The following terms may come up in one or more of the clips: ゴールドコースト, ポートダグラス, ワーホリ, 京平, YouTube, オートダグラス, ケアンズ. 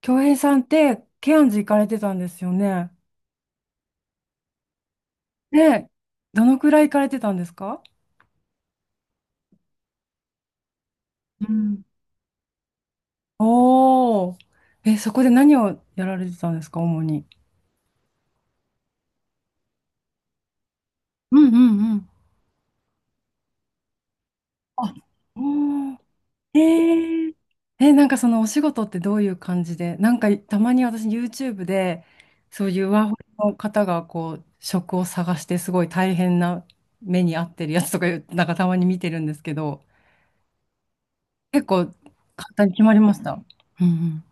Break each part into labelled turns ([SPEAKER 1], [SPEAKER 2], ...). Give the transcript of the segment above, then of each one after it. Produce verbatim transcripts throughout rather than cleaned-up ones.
[SPEAKER 1] 京平さんって、ケアンズ行かれてたんですよね。で、どのくらい行かれてたんですか？うん、おー。え、そこで何をやられてたんですか、主に。うんうんうん、あ、おー。え、ええ、なんかそのお仕事ってどういう感じで、なんかたまに私 YouTube で、そういうワーホリの方がこう、職を探してすごい大変な目に遭ってるやつとかいう、なんかたまに見てるんですけど、結構簡単に決まりました。うんうん、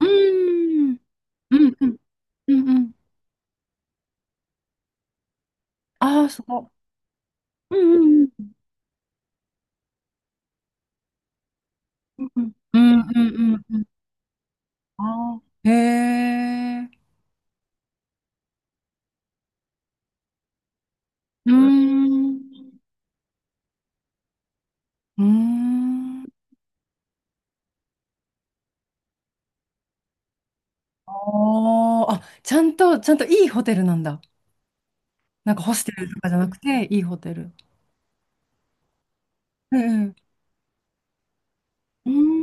[SPEAKER 1] うーん。うんうんうんうん。ああー、すごい。うんうんうんうんうんうんうんうん。ああー。へえ。うーん。うーん。ああ。あ、ちゃんと、ちゃんといいホテルなんだ。なんかホステルとかじゃなくて、いいホテル。うんうん。うん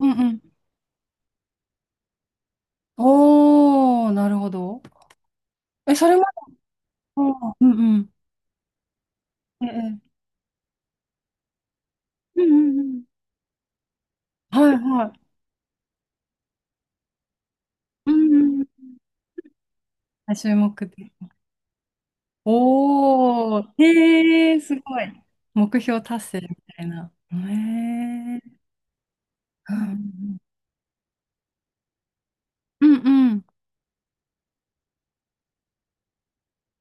[SPEAKER 1] うんうん。おお、なるほど。え、それまでも、うんうん。ええ。うんうんうん。はいはい。うんうん。注目的。おー、へえー、すごい。目標達成みたいな。へえー、うんうんうん。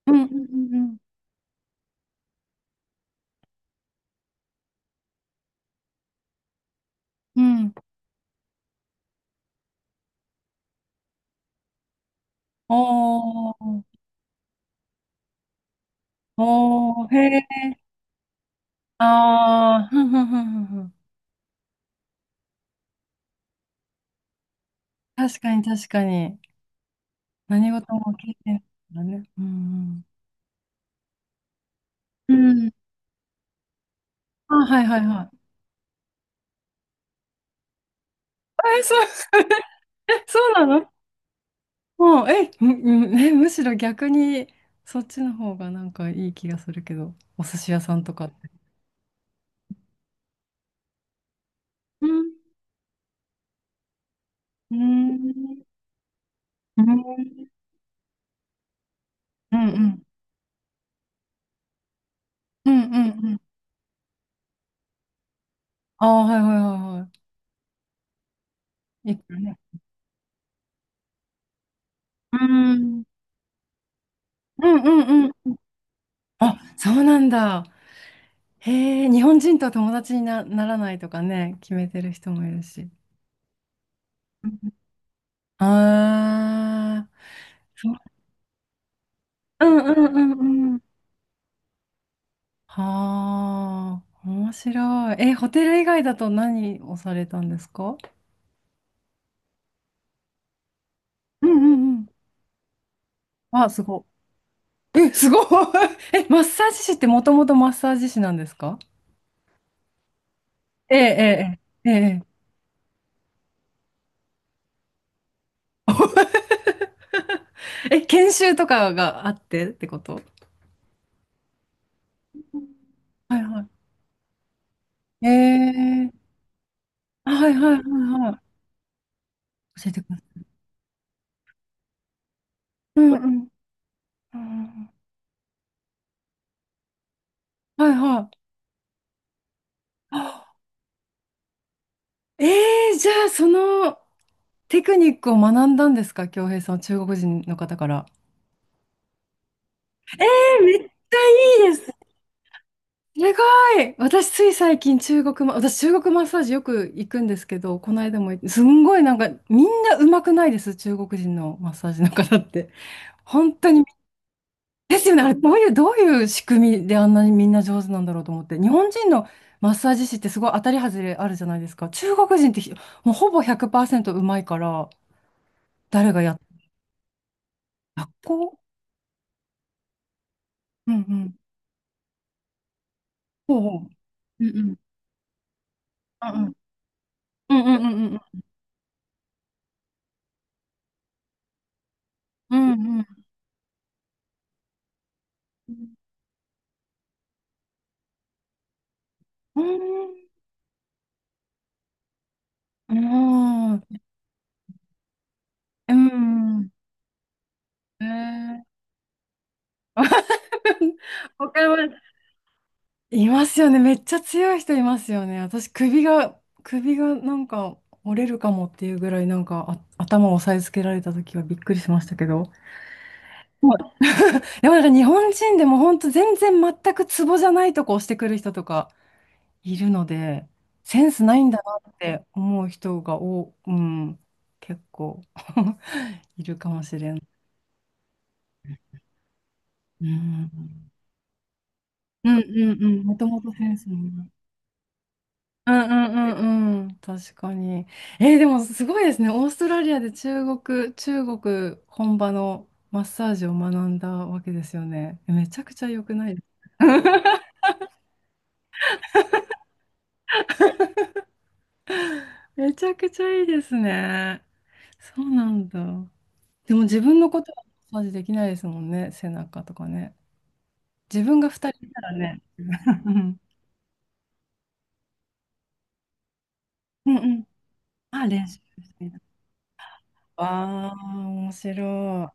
[SPEAKER 1] うんうんうんうん。うん。おー、おー、へえ、あー、ふんふんふんふんふん。確かに確かに。何事も経験だね。うんうん。うん。あ、はいはいはい。え、そう、え、そうなの？もう、え、むむえ、むしろ逆に、そっちの方がなんかいい気がするけど、お寿司屋さんとか。うん、うん、うん、うん、うん、うん、うん。ああ、はいはいはいはい。いくらね。うん、うん、うん、うん。あ、そうなんだ。へえ、日本人とは友達にな、ならないとかね、決めてる人もいるし。ああー、そう。うん、うん、うん、うん。はあ、面白い。え、ホテル以外だと何をされたんですか？うん、うん、うん。あ、すごい。え、すごい。え、マッサージ師ってもともとマッサージ師なんですか？ええ、ええ、ええ。え、え研修とかがあってってこと？はいはい。ええ。あ、はいはいはいはい。教えてください。うんうん。うん、はいはい。あ、ええ、じゃあそのテクニックを学んだんですか京平さん、中国人の方から。ええ、めっちゃいいです。ええかい、私つい最近中国マ、私中国マッサージよく行くんですけど、この間もすんごいなんかみんな上手くないです中国人のマッサージの方って本当に。ですよね。どういうどういう仕組みであんなにみんな上手なんだろうと思って、日本人のマッサージ師ってすごい当たりハズレあるじゃないですか。中国人ってもうほぼひゃくパーセント上手いから誰がやっ、学校？うんうん。うんうん。うんうん。うんうんうんうんうん。うんうん。うんうん。うん。え、他は いますよね。めっちゃ強い人いますよね。私、首が、首がなんか折れるかもっていうぐらい、なんかあ頭を押さえつけられた時はびっくりしましたけど。はい。でもなんか日本人でも本当全然全くツボじゃないとこ押してくる人とかいるので、センスないんだなって思う人がお、うん、結構 いるかもしれん。うん。うんうんうん。もともとセンスない。うんうんうんうん。確かに。えーでもすごいですね。オーストラリアで中国、中国本場のマッサージを学んだわけですよね。めちゃくちゃ良くないですか？ めちゃくちゃいいですね。そうなんだ。でも自分のことはマッサージできないですもんね。背中とかね。自分がふたりいたらね。うんうんうん。あ、練習してみた。ああ、面白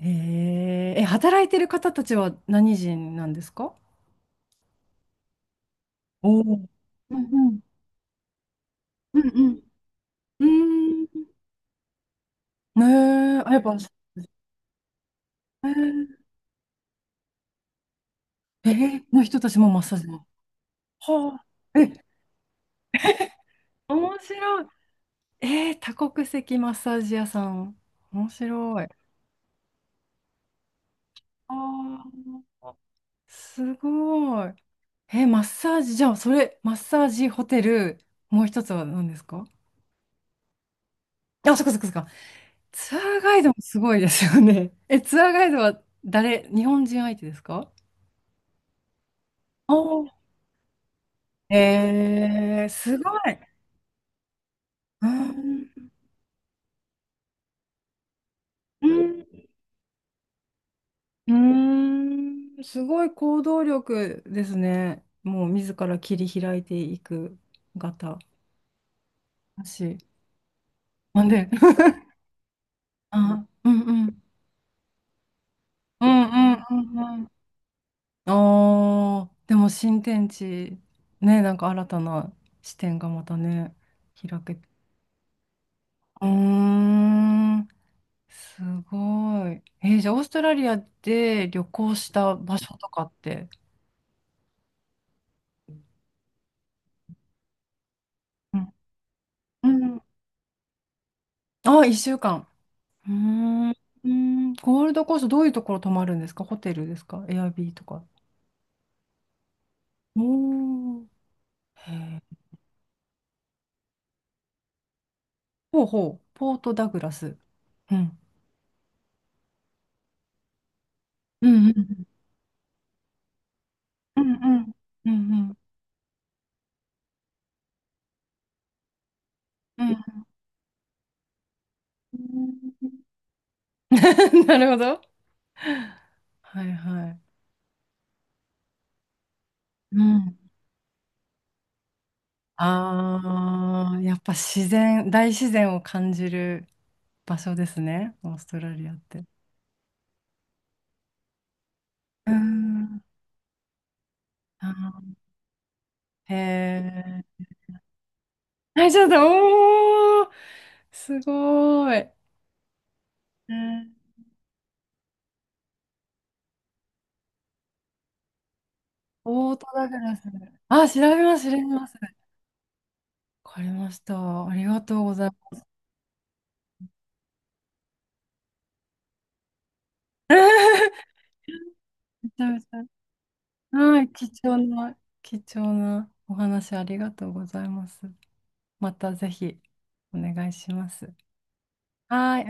[SPEAKER 1] い。えー、え、働いてる方たちは何人なんですか？おお。うんうん。うんうん。うーん。ねえ、あ、やっぱ、えー、えーの人たちもマッサージの。はあ。え、面白い。えー、多国籍マッサージ屋さん。面白い。ああ、すごい。えーマッサージ、じゃあ、それ、マッサージホテル、もう一つは何ですか？あ、そっかそっかそっか。ツアーガイドもすごいですよね。え、ツアーガイドは誰、日本人相手ですか？おー、えー、すごい。うーん、うん、うーんすごい行動力ですね。もう自ら切り開いていく方。私。なんで、あ、うんうん。うんうんうんうん。あーでも新天地、ね、なんか新たな視点がまたね、開けて。うーん、すごい。えーじゃあオーストラリアで旅行した場所とかって。うん。うん、あ、いっしゅうかん。うーん、うーんゴールドコーストどういうところ泊まるんですか？ホテルですか？エアビーとか。おー。へー、ほうほう。ポートダグラス。うん。うんうんうんうんうんうんうん。うん、 なるほど。はいはい。うん。ああ、やっぱ自然、大自然を感じる場所ですね。オーストラリアって。うん。あー、へえ。はい、ちょっと、おー、すごーい。うん、オートダグラス。あ、調べます、調べます。わかりました。ありがとうございます。めちゃめちゃ、はい、貴重な、貴重なお話ありがとうございます。またぜひお願いします。はい。